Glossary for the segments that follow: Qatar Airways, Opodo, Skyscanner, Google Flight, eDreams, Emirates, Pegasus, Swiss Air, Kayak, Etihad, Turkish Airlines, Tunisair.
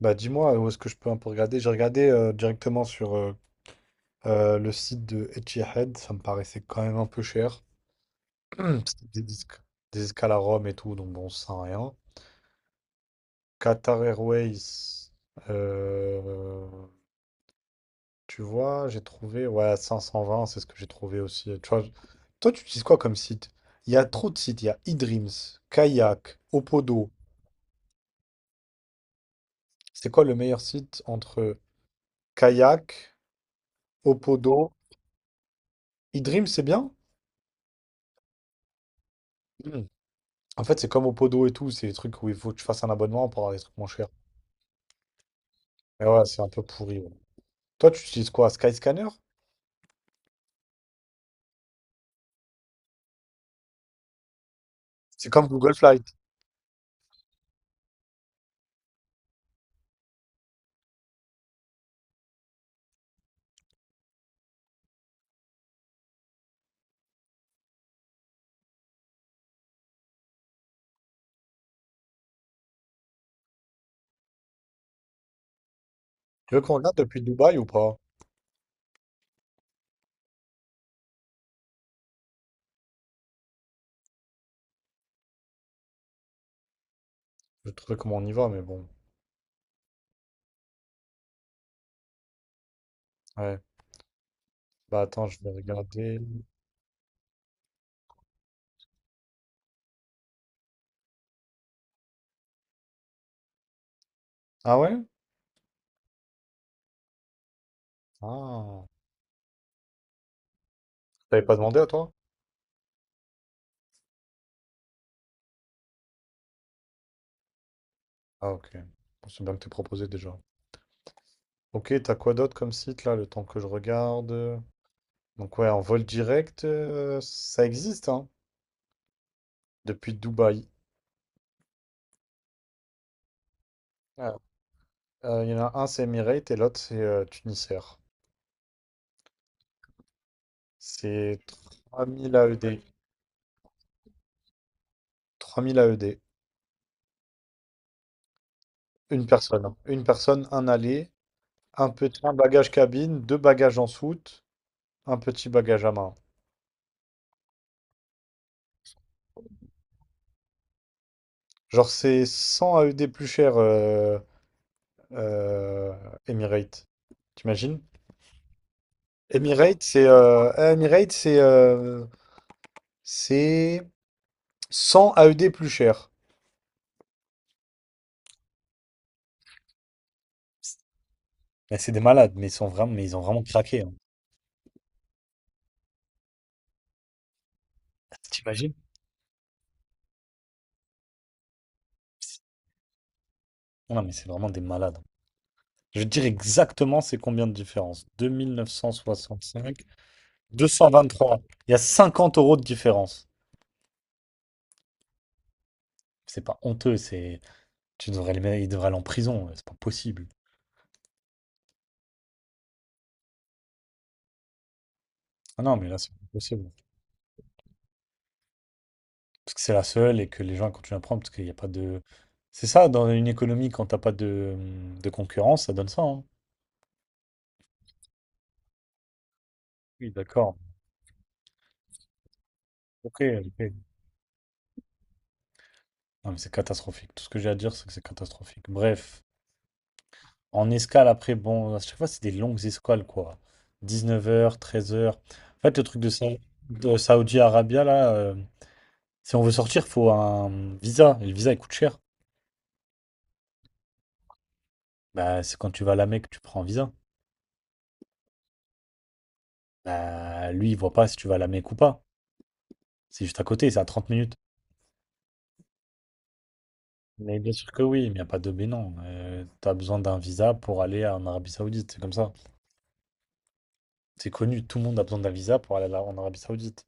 Bah dis-moi, où est-ce que je peux un peu regarder? J'ai regardé directement sur le site de Etihad, ça me paraissait quand même un peu cher. C'était des escales à Rome et tout, donc bon, ça sert à rien. Qatar Airways, euh, tu vois, j'ai trouvé, ouais, 520, c'est ce que j'ai trouvé aussi. Tu vois, toi, tu utilises quoi comme site? Il y a trop de sites, il y a eDreams, Kayak, Opodo. C'est quoi le meilleur site entre Kayak, Opodo, eDreams, c'est bien? En fait, c'est comme au Podo et tout, c'est des trucs où il faut que tu fasses un abonnement pour avoir des trucs moins chers. Mais ouais, c'est un peu pourri. Ouais. Toi, tu utilises quoi? Skyscanner? C'est comme Google Flight. Tu veux qu'on regarde depuis Dubaï ou pas? Je vais te trouver comment on y va, mais bon. Ouais. Bah attends, je vais regarder. Ah ouais? Ah. T'avais pas demandé à toi? Ah ok. Bon, c'est bien que t'aies proposé déjà. Ok, t'as quoi d'autre comme site là, le temps que je regarde? Donc ouais, en vol direct, ça existe, hein, depuis Dubaï. Ah. Il y en a un, c'est Emirates, et l'autre, c'est Tunisair. C'est 3000 AED. 3000 AED. Une personne, hein. Une personne, un aller, un bagage cabine, deux bagages en soute, un petit bagage à main. Genre, c'est 100 AED plus cher, euh, Emirates. T'imagines? Emirates, c'est 100 AED plus cher. Mais c'est des malades, mais ils sont vraiment, mais ils ont vraiment craqué, hein. T'imagines? Non, mais c'est vraiment des malades, hein. Je vais te dire exactement c'est combien de différence. 2965, 223. Il y a 50 € de différence. C'est pas honteux, c'est. Tu devrais il devrait aller en prison, ouais, c'est pas possible. Ah non, mais là, c'est pas possible. Parce que c'est la seule et que les gens continuent à prendre parce qu'il n'y a pas de. C'est ça, dans une économie, quand t'as pas de concurrence, ça donne ça, hein. Oui, d'accord. Ok, ok. Non, mais c'est catastrophique. Tout ce que j'ai à dire, c'est que c'est catastrophique. Bref. En escale, après, bon, à chaque fois, c'est des longues escales, quoi. 19 heures, 13 heures. En fait, le truc de, de Saudi Arabia, là, si on veut sortir, faut un visa. Et le visa, il coûte cher. Bah, c'est quand tu vas à la Mecque, tu prends un visa. Bah, lui, il voit pas si tu vas à la Mecque ou pas. C'est juste à côté, c'est à 30 minutes. Mais bien sûr que oui, mais il n'y a pas de mais non. T'as besoin d'un visa pour aller en Arabie Saoudite, c'est comme ça. C'est connu, tout le monde a besoin d'un visa pour aller en Arabie Saoudite.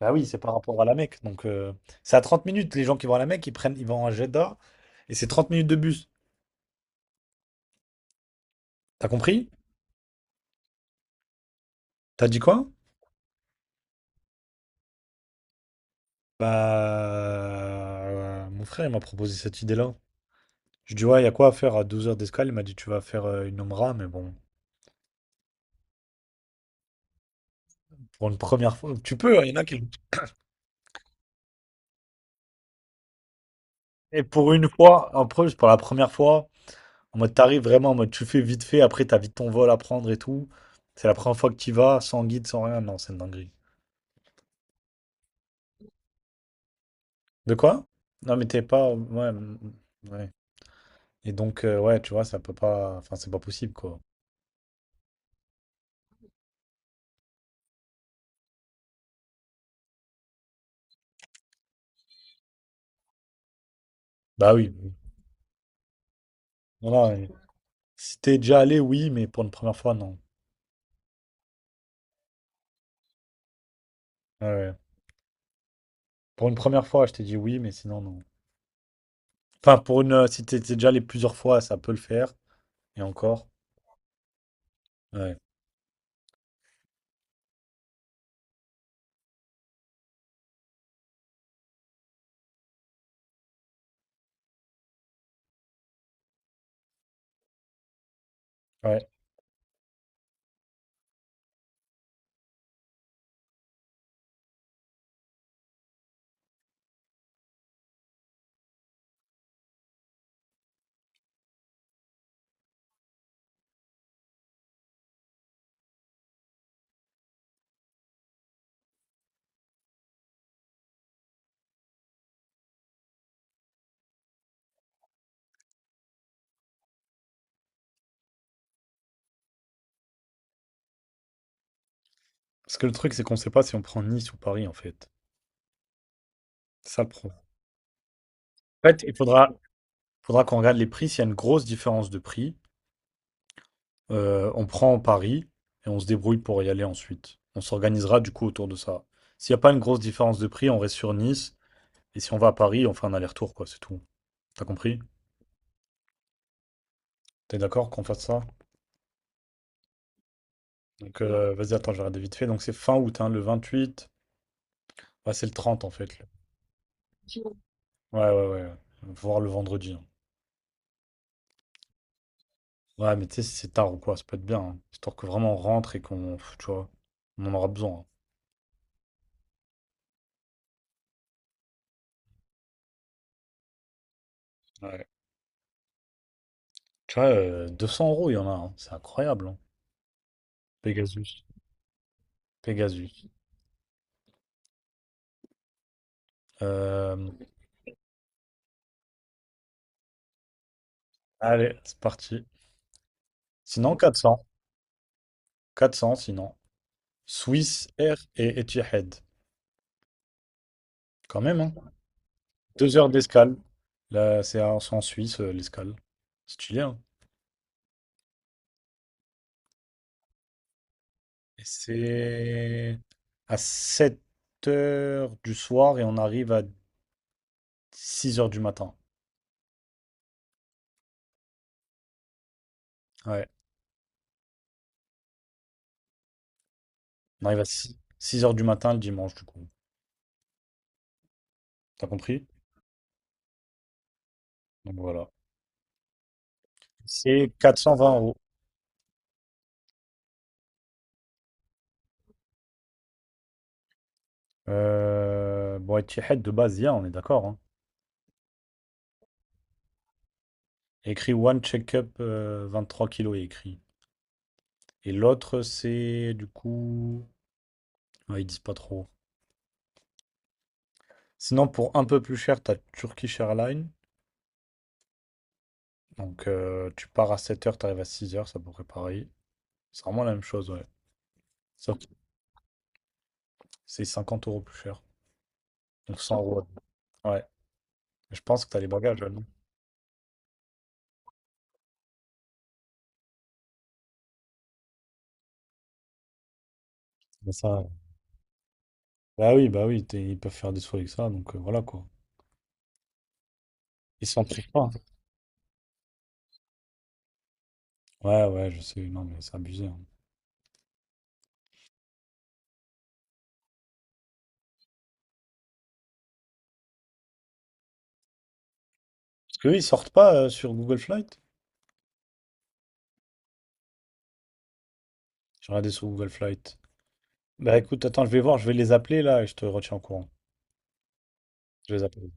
Bah oui, c'est par rapport à la Mecque. Donc, c'est à 30 minutes. Les gens qui vont à la Mecque, ils prennent, ils vont à Jeddah et c'est 30 minutes de bus. T'as compris? T'as dit quoi? Bah, mon frère, il m'a proposé cette idée-là. Je dis, ouais, il y a quoi à faire à 12 heures d'escale? Il m'a dit, tu vas faire une Omra, mais bon, pour une première fois, tu peux, hein, il y en a qui. Et pour une fois, en plus, pour la première fois, en mode, t'arrives vraiment, en mode, tu fais vite fait, après, t'as vite ton vol à prendre et tout. C'est la première fois que tu vas, sans guide, sans rien. Non, c'est une dinguerie. De quoi? Non, mais t'es pas. Ouais. Mm, ouais. Et donc, ouais, tu vois, ça peut pas. Enfin, c'est pas possible, quoi. Bah oui. Oui. Non, non, si t'es déjà allé, oui, mais pour une première fois, non. Ouais, ouais. Pour une première fois, je t'ai dit oui, mais sinon, non. Enfin, pour une. Si t'es déjà allé plusieurs fois, ça peut le faire. Et encore. Ouais. Ouais. Parce que le truc, c'est qu'on sait pas si on prend Nice ou Paris, en fait. C'est ça le problème. En fait, il faudra qu'on regarde les prix. S'il y a une grosse différence de prix, on prend Paris et on se débrouille pour y aller ensuite. On s'organisera, du coup, autour de ça. S'il n'y a pas une grosse différence de prix, on reste sur Nice. Et si on va à Paris, on fait un aller-retour, quoi, c'est tout. T'as compris? T'es d'accord qu'on fasse ça? Donc, vas-y, attends, je vais regarder vite fait. Donc, c'est fin août, hein, le 28. Ouais, c'est le 30, en fait. Ouais, ouais, ouais. Ouais. Voir le vendredi, hein. Ouais, mais tu sais, si c'est tard ou quoi, ça peut être bien, hein. Histoire que vraiment on rentre et tu vois, on en aura besoin, hein. Ouais. Tu vois, 200 euros, il y en a, hein. C'est incroyable, hein. Pegasus. Pegasus. Euh, Allez, c'est parti. Sinon, 400. 400, sinon. Swiss Air et Etihad. Quand même, hein. 2 heures d'escale. Là, c'est en Suisse, l'escale. C'est chillé, hein. Et c'est à 7 heures du soir et on arrive à 6 heures du matin. Ouais. On arrive à six heures du matin le dimanche, du coup. T'as compris? Donc voilà. C'est quatre cent vingt euros. Bon, Etihad de base, il y a, on est d'accord, hein. Écrit One check-up 3 kilos est écrit. Et l'autre, c'est du coup. Ouais, ils disent pas trop. Sinon, pour un peu plus cher, t'as Turkish Airlines. Donc, tu pars à 7 heures, tu arrives à 6 heures, ça pourrait pareil. C'est vraiment la même chose, ouais. Sauf que c'est 50 € plus cher. Donc 100 euros. Ouais. Mais je pense que t'as les bagages, là, non? Mais ça, bah oui, ils peuvent faire des sous avec ça, donc voilà quoi. Ils s'en privent pas. Ouais, ouais, je sais, non, mais c'est abusé, hein. Parce que eux, ils sortent pas sur Google Flight. J'ai regardé sur Google Flight. Bah écoute, attends, je vais voir, je vais les appeler là et je te retiens au courant. Je vais les appeler.